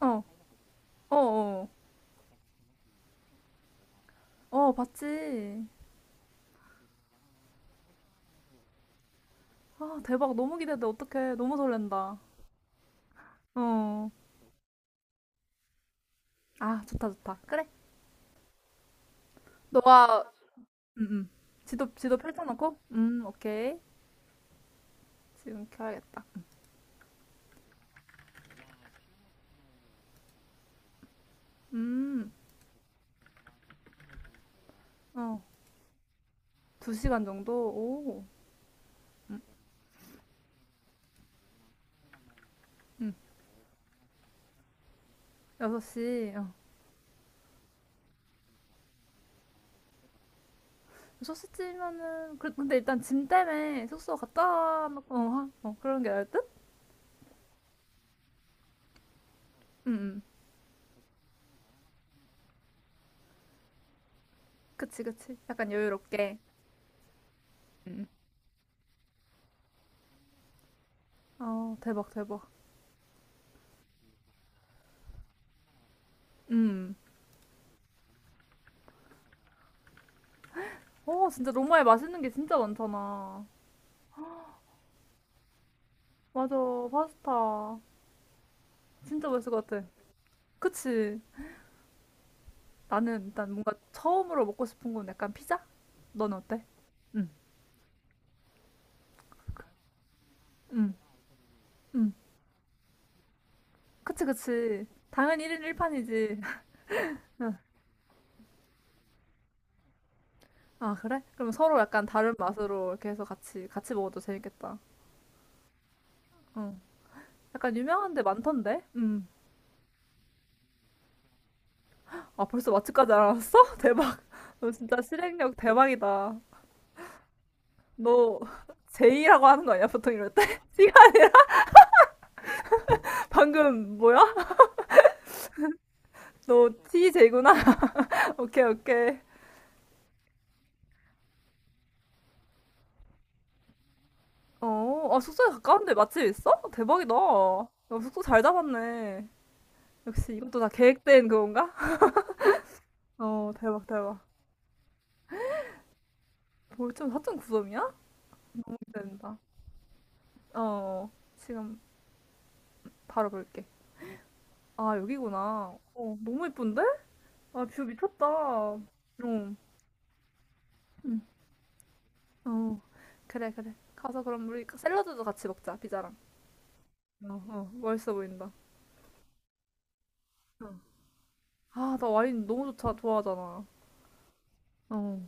어, 어, 어, 어, 봤지. 아, 대박. 너무 기대돼. 어떡해. 너무 설렌다. 어. 아, 좋다, 좋다. 그래. 너가, 음, 음. 지도 펼쳐놓고? 오케이. 지금 켜야겠다. 음, 어. 두 시간 정도? 오. 음, 음. 여섯 시. 어. 여섯 시쯤이면은, 그, 근데 일단 짐 때문에 숙소 갔다 놓고, 그런 게 나을 듯? 음, 음. 그치, 그치. 약간 여유롭게. 음. 어, 대박, 대박. 음. 어, 진짜 로마에 맛있는 게 진짜 많잖아. 맞아, 파스타. 진짜 맛있을 것 같아. 그치? 나는 일단 뭔가 처음으로 먹고 싶은 건 약간 피자? 넌 어때? 응, 응, 응. 그치, 그치. 당연히 1인 1판이지. 아, 그래? 그럼 서로 약간 다른 맛으로 이렇게 해서 같이, 같이 먹어도 재밌겠다. 응. 약간 유명한 데 많던데? 응. 아, 벌써 맛집까지 알아봤어? 대박. 너 진짜 실행력 대박이다. 너 제이라고 하는 거 아니야? 보통 이럴 때? 방금 뭐야? 너 t 이구나. 오케이, 오케이. 어, 아, 숙소에 가까운데 맛집 있어? 대박이다. 야, 숙소 잘 잡았네. 역시 이것도 다 계획된 그건가? 어, 대박, 대박. 벌점 4.9점이야? 된다. 어, 지금 바로 볼게. 아, 여기구나. 어, 너무 예쁜데? 아, 뷰 미쳤다. 어, 응, 어, 그래, 그래. 가서 그럼 우리 샐러드도 같이 먹자, 피자랑. 어, 어, 맛있어 보인다. 어. 아, 나 와인 너무 좋다, 좋아하잖아. 어.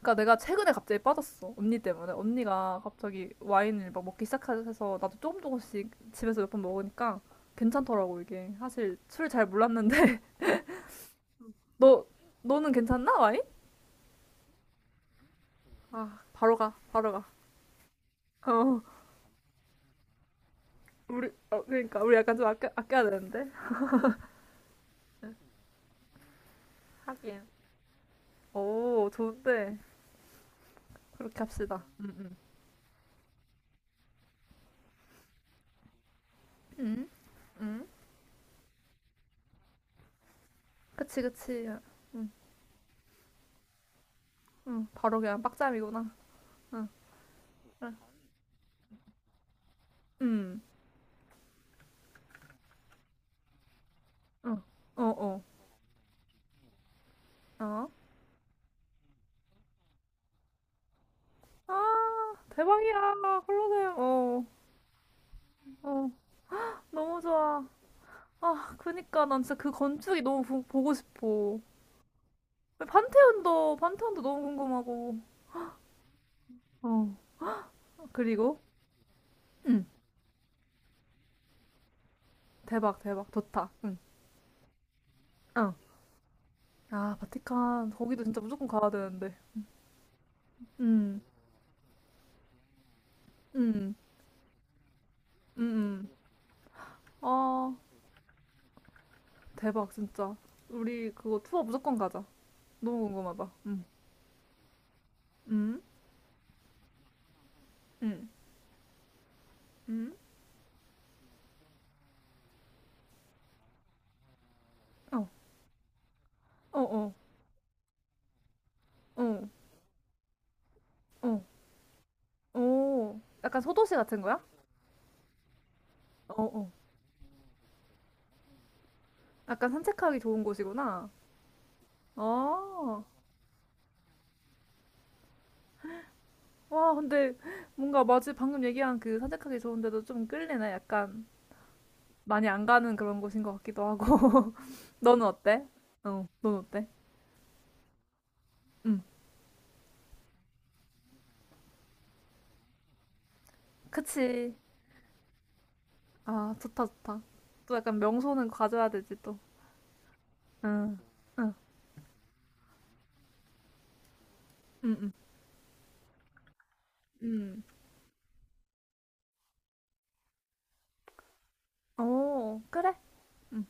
그러니까 내가 최근에 갑자기 빠졌어. 언니 때문에. 언니가 갑자기 와인을 막 먹기 시작해서 나도 조금 조금씩 집에서 몇 번 먹으니까 괜찮더라고, 이게. 사실 술 잘 몰랐는데. 너, 너는 괜찮나, 와인? 아, 바로 가, 바로 가. 어, 우리, 그러니까. 우리 약간 좀 아껴야 되는데. 하긴. 오, 좋은데. 그렇게 합시다. 응, 응. 응? 응? 그치, 그치. 응, 응. 바로 그냥 빡짬이구나. 응, 응. 응, 응. 어, 어. 어? 아, 대박이야. 콜로세움. 어, 어, 너무 좋아. 아, 그니까 난 진짜 그 건축이 너무 보고 싶어. 판테온도 너무 궁금하고. 어, 그리고, 응, 대박, 대박. 좋다. 응, 어. 아, 바티칸. 거기도 진짜 무조건 가야 되는데. 응, 응, 응, 응. 아, 대박, 진짜. 우리 그거 투어 무조건 가자. 너무 궁금하다. 응, 응, 응, 응. 어, 어, 어, 어, 어. 오, 약간 소도시 같은 거야? 어, 어. 약간 산책하기 좋은 곳이구나. 아, 와, 근데 뭔가 마치 방금 얘기한 그 산책하기 좋은데도 좀 끌리네. 약간 많이 안 가는 그런 곳인 것 같기도 하고. 너는 어때? 어, 넌 어때? 응, 그치. 아, 좋다, 좋다. 또 약간 명소는 가져야 되지, 또. 응, 응, 응, 응. 응. 오, 그래. 응.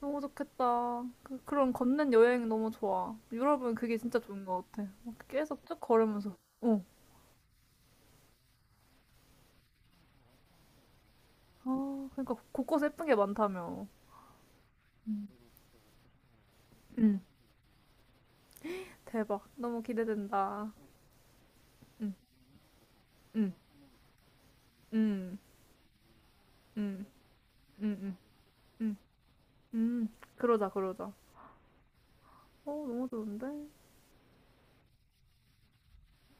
너무 좋겠다. 그런 걷는 여행 너무 좋아. 유럽은 그게 진짜 좋은 것 같아. 막 계속 쭉 걸으면서. 어. 아, 그러니까 곳곳에 예쁜 게 많다며. 응. 응. 대박. 너무 기대된다. 응. 응. 응. 응. 응. 응. 응. 응. 그러자, 그러자. 어, 너무 좋은데?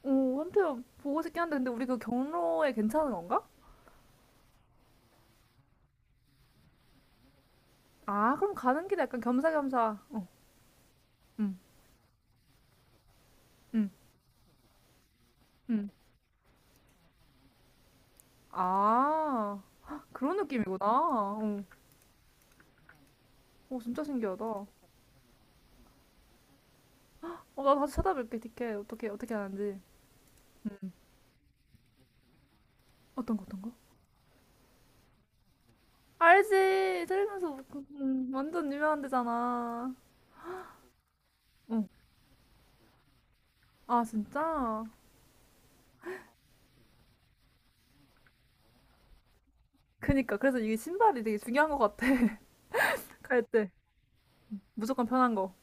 오, 한편 보고 싶긴 한데, 근데 우리 그 경로에 괜찮은 건가? 아, 그럼 가는 길에 약간 겸사겸사. 어. 응. 응. 응. 아. 그런 느낌이구나. 어. 오, 진짜 신기하다. 어, 나 다시 찾아볼게, 티켓. 어떻게, 어떻게 하는지. 음. 어떤 거, 어떤 거? 알지! 살면서, 그- 완전 유명한 데잖아. 응. 아, 진짜? 그니까. 그래서 이게 신발이 되게 중요한 것 같아. 갈 때. 무조건 편한 거.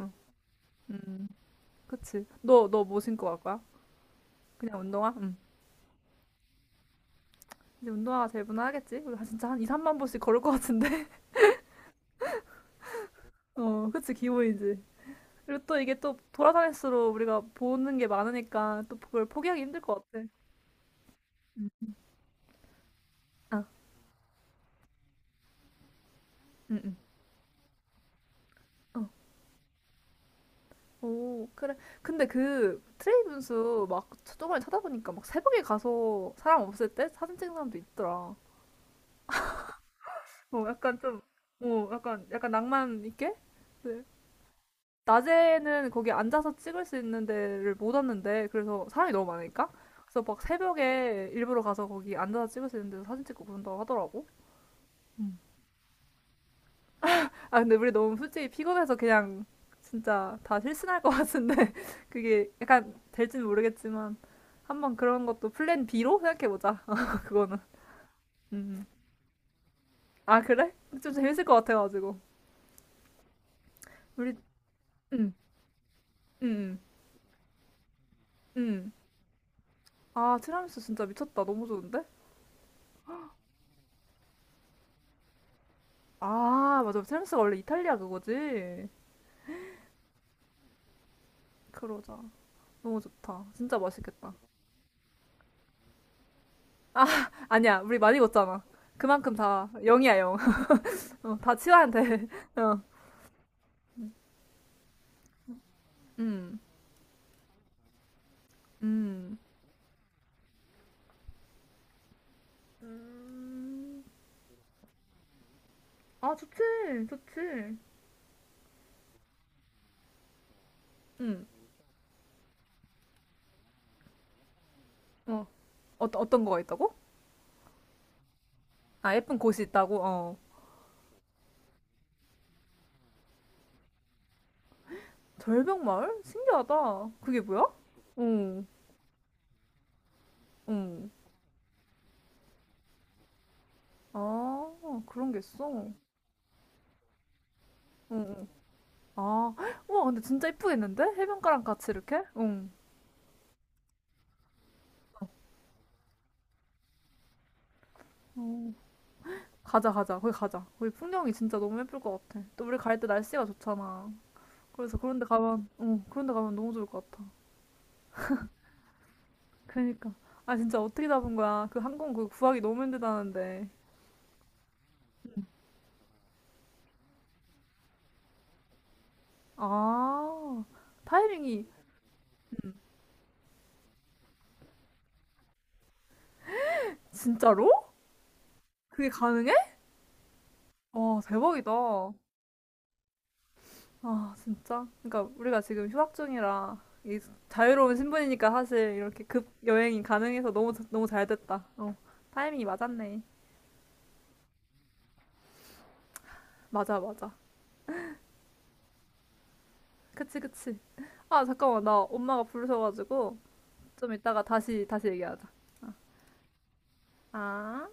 응. 그치. 너 뭐 신고 갈 거야? 그냥 운동화? 응. 이제 운동화가 제일 무난하겠지? 우리 진짜 한 2, 3만 보씩 걸을 것 같은데? 어, 그치, 기본이지. 그리고 또 이게 또 돌아다닐수록 우리가 보는 게 많으니까 또 그걸 포기하기 힘들 것 같아. 아, 어. 오, 그래. 근데 그 트레이 분수 막 저번에 찾아보니까 막 새벽에 가서 사람 없을 때 사진 찍는 사람도 있더라. 어, 약간 좀, 약간 낭만 있게? 네. 낮에는 거기 앉아서 찍을 수 있는 데를 못 왔는데, 그래서 사람이 너무 많으니까? 그래서 막 새벽에 일부러 가서 거기 앉아서 찍을 수 있는 데서 사진 찍고 그런다고 하더라고. 아, 근데 우리 너무 솔직히 피곤해서 그냥 진짜 다 실신할 것 같은데 그게 약간 될지는 모르겠지만 한번 그런 것도 플랜 B로 생각해보자. 그거는. 음. 아, 그래? 좀 재밌을 것 같아가지고. 우리, 음, 음, 음. 음. 아, 티라미수 진짜 미쳤다. 너무 좋은데? 아, 맞아. 티라미수가 원래 이탈리아 그거지? 그러자. 너무 좋다. 진짜 맛있겠다. 아니야, 우리 많이 걷잖아. 그만큼 다 영이야 영. 어, 다 치워야 돼. 어. 음, 음. 음, 아, 좋지, 좋지. 응. 어. 어떤 어떤 거가 있다고? 아, 예쁜 곳이 있다고. 어. 절벽마을? 신기하다. 그게 뭐야? 응. 응. 아, 그런 게 있어. 응. 응. 아, 헉, 우와, 근데 진짜 이쁘겠는데? 해변가랑 같이 이렇게? 응. 어. 가자, 가자. 거기 가자. 거기 풍경이 진짜 너무 예쁠 것 같아. 또 우리 갈 때 날씨가 좋잖아. 그래서 그런 데 가면, 응, 그런 데 가면 너무 좋을 것 같아. 그러니까. 아, 진짜 어떻게 잡은 거야? 그 항공 그 구하기 너무 힘들다는데. 아, 타이밍이 진짜로? 그게 가능해? 와, 대박이다. 아, 진짜. 그러니까 우리가 지금 휴학 중이라 이 자유로운 신분이니까 사실 이렇게 급 여행이 가능해서 너무 너무 잘 됐다. 어, 타이밍이 맞았네. 맞아, 맞아. 그치, 그치. 아, 잠깐만. 나 엄마가 부르셔가지고 좀 이따가 다시 다시 얘기하자. 어. 아.